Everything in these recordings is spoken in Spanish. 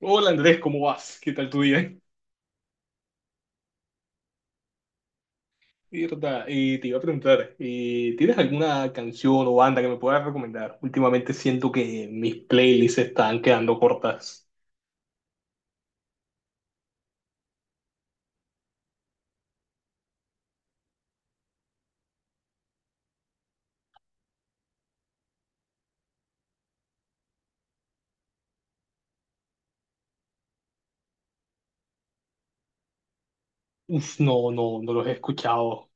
Hola Andrés, ¿cómo vas? ¿Qué tal tu día? Y, Rota, y te iba a preguntar, ¿tienes alguna canción o banda que me puedas recomendar? Últimamente siento que mis playlists están quedando cortas. Uf, no, no, no los he escuchado.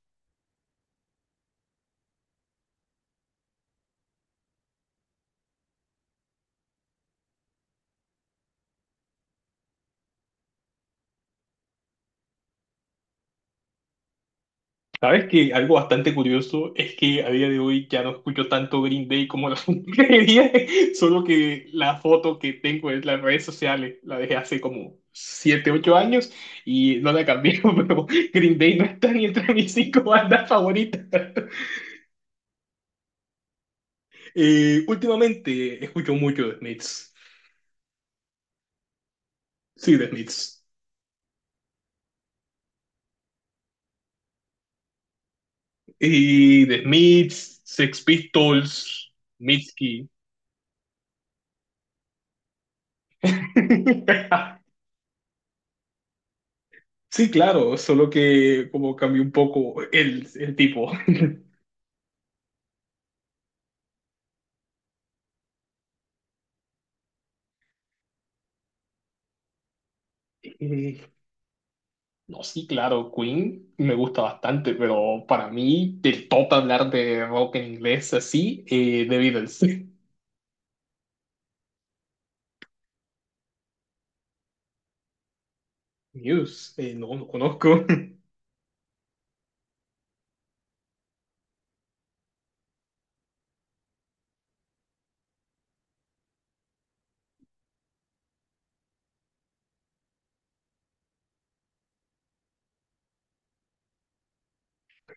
Sabes que algo bastante curioso es que a día de hoy ya no escucho tanto Green Day como la quería, solo que la foto que tengo en las redes sociales la dejé hace como 7, 8 años y no la cambié, pero Green Day no está ni entre mis cinco bandas favoritas. Últimamente escucho mucho de Smiths. Sí, de Smiths. Y de Smiths, Sex Pistols, Mitski. Sí, claro, solo que como cambió un poco el tipo. Eh, No, sí, claro, Queen me gusta bastante, pero para mí, del top hablar de rock en inglés así, The Beatles. News, no, no conozco.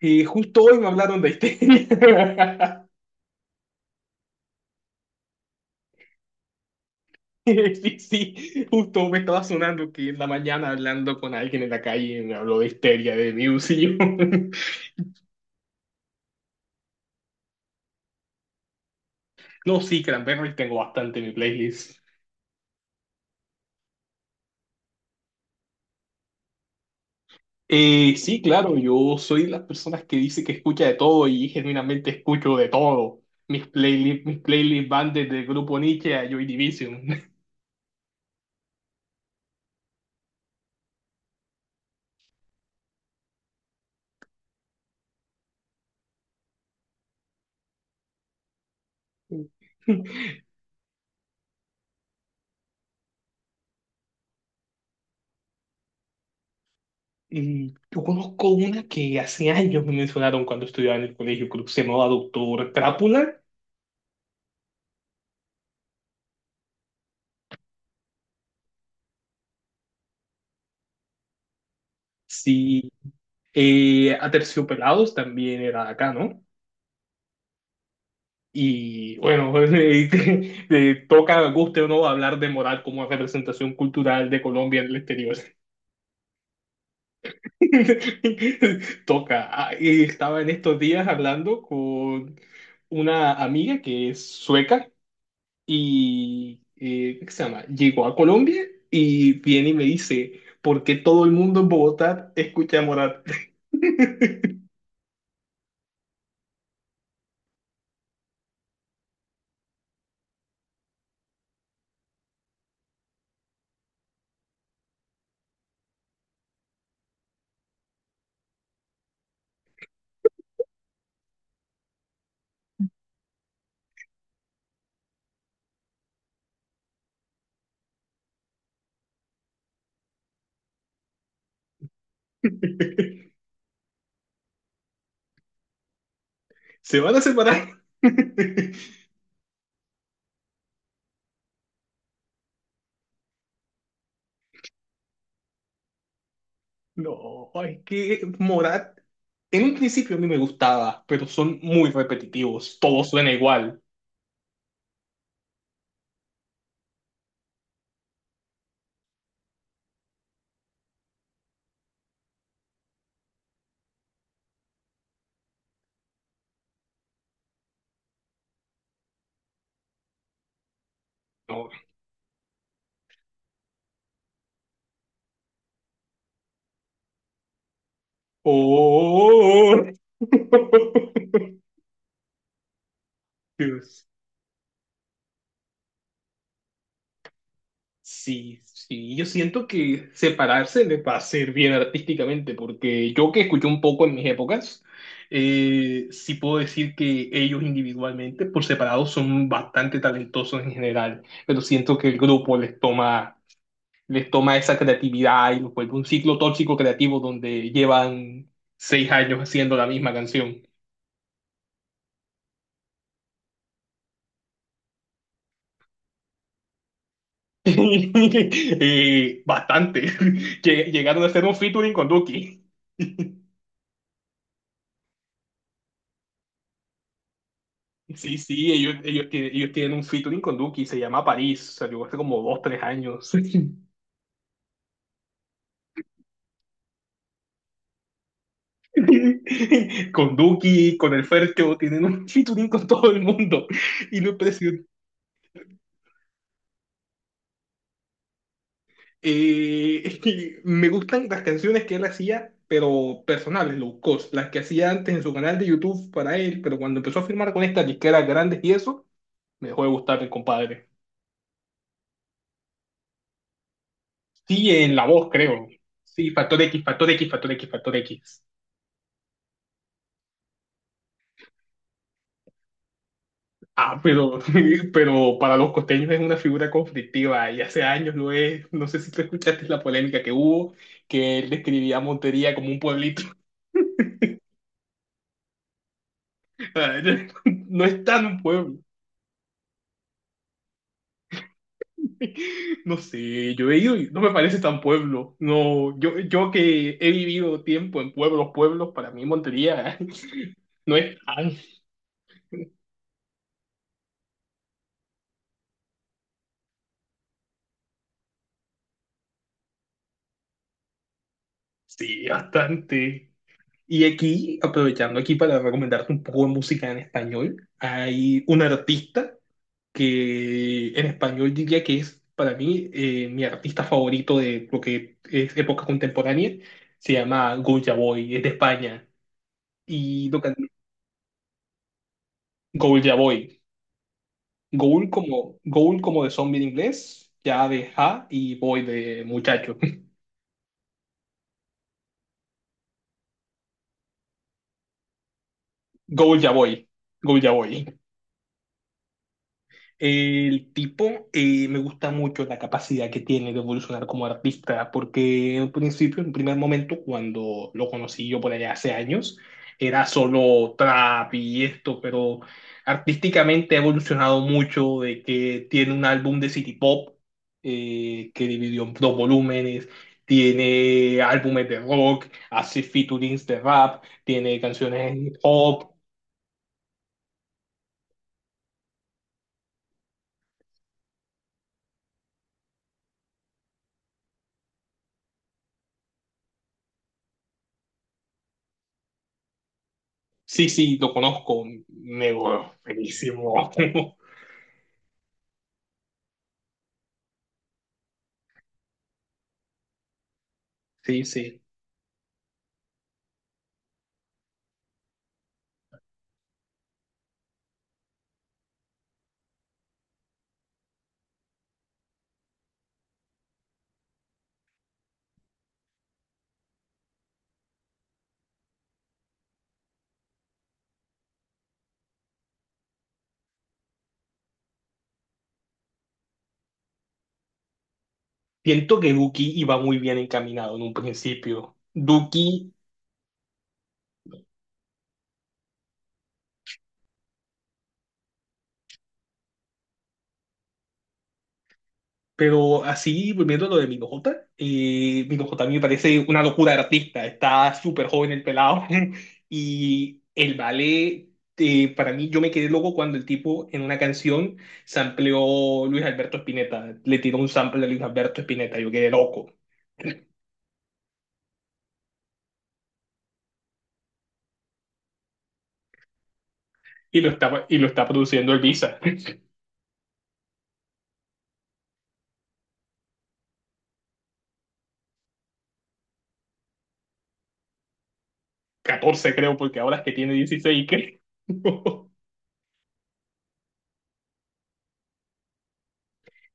Y justo hoy me hablaron de este. Sí, sí, justo me estaba sonando que en la mañana hablando con alguien en la calle me habló de Histeria de Muse y yo, no, sí, Cranberries tengo bastante en mi playlist. Sí, claro, yo soy de las personas que dice que escucha de todo y genuinamente escucho de todo. Mis playlists van desde el Grupo Nietzsche a Joy Division. Y yo conozco una que hace años me mencionaron cuando estudiaba en el colegio, creo que se llamaba Doctor Crápula. Sí, Aterciopelados también era acá, ¿no? Y bueno, toca, guste o no, hablar de moral como representación cultural de Colombia en el exterior. Toca. Ah, y estaba en estos días hablando con una amiga que es sueca y, ¿qué se llama? Llegó a Colombia y viene y me dice, ¿por qué todo el mundo en Bogotá escucha a Morat? Se van a separar. No, es que Morat, en un principio a mí me gustaba, pero son muy repetitivos, todo suena igual. No. Oh, Dios. Sí, sí, yo siento que separarse le va a hacer bien artísticamente, porque yo que escuché un poco en mis épocas, sí puedo decir que ellos individualmente, por separado, son bastante talentosos en general, pero siento que el grupo les toma esa creatividad y los vuelve un ciclo tóxico creativo donde llevan 6 años haciendo la misma canción. Bastante. Llegaron a hacer un featuring con Duki. Sí, sí, ellos tienen un featuring con Duki, se llama París, salió hace como 2, 3 años. Con Duki, con el Fercho, tienen un featuring con todo el mundo. Y lo impresionante. Y me gustan las canciones que él hacía, pero personales, low cost, las que hacía antes en su canal de YouTube para él, pero cuando empezó a firmar con estas disqueras grandes y eso, me dejó de gustar el compadre. Sí, en la voz, creo. Sí, Factor X, Factor X, Factor X, Factor X. Ah, pero, pero para los costeños es una figura conflictiva y hace años lo es. No sé si tú escuchaste la polémica que hubo, que él describía a Montería como un pueblito. No es tan un pueblo. No sé, yo he ido y no me parece tan pueblo. No, yo que he vivido tiempo en pueblos, pueblos, para mí Montería no es tan, sí, bastante. Y aquí, aprovechando aquí para recomendarte un poco de música en español, hay un artista que en español diría que es para mí mi artista favorito de lo que es época contemporánea. Se llama Goya Boy, es de España. Y lo que, Goya Boy. Ghoul como de zombie en inglés, ya de ja y voy de muchacho. Ghoul ya voy, Ghoul ya voy. El tipo me gusta mucho la capacidad que tiene de evolucionar como artista, porque en un principio, en un primer momento, cuando lo conocí yo por allá hace años, era solo trap y esto, pero artísticamente ha evolucionado mucho, de que tiene un álbum de City Pop que dividió en dos volúmenes, tiene álbumes de rock, hace featurings de rap, tiene canciones de hip hop. Sí, sí, lo conozco. Me buenísimo. Sí, sí. Siento que Duki iba muy bien encaminado en un principio. Duki, pero así, volviendo a lo de Minojota, Minojota a mí me parece una locura de artista. Está súper joven el pelado. Y el vale, para mí, yo me quedé loco cuando el tipo en una canción sampleó Luis Alberto Spinetta. Le tiró un sample de Luis Alberto Spinetta. Yo quedé loco. Y lo está produciendo Elvisa. 14 creo, porque ahora es que tiene 16, creo.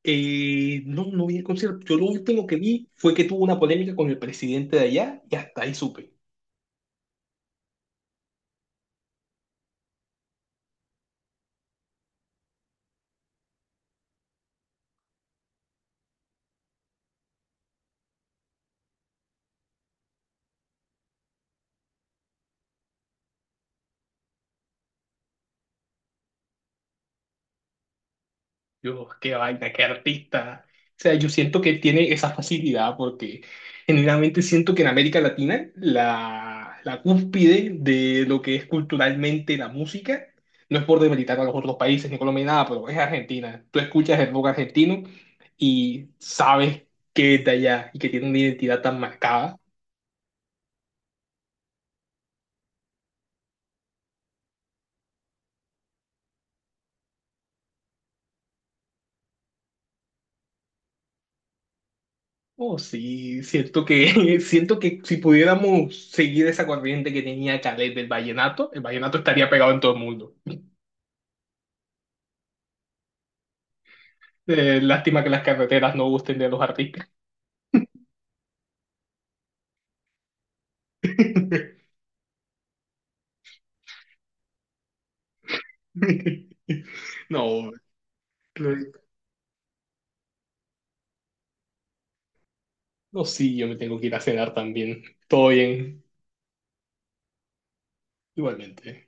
No, no vi el concierto. Yo lo último que vi fue que tuvo una polémica con el presidente de allá y hasta ahí supe. Yo, qué vaina, qué artista. O sea, yo siento que tiene esa facilidad porque genuinamente siento que en América Latina la cúspide de lo que es culturalmente la música, no es por demeritar a los otros países, ni Colombia, ni nada, pero es Argentina. Tú escuchas el rock argentino y sabes que es de allá y que tiene una identidad tan marcada. Oh, sí, siento que, siento que si pudiéramos seguir esa corriente que tenía Calet del vallenato, el vallenato estaría pegado en todo el mundo. Lástima que las carreteras no gusten de los artistas. No, no, sí, yo me tengo que ir a cenar también. Todo bien, igualmente.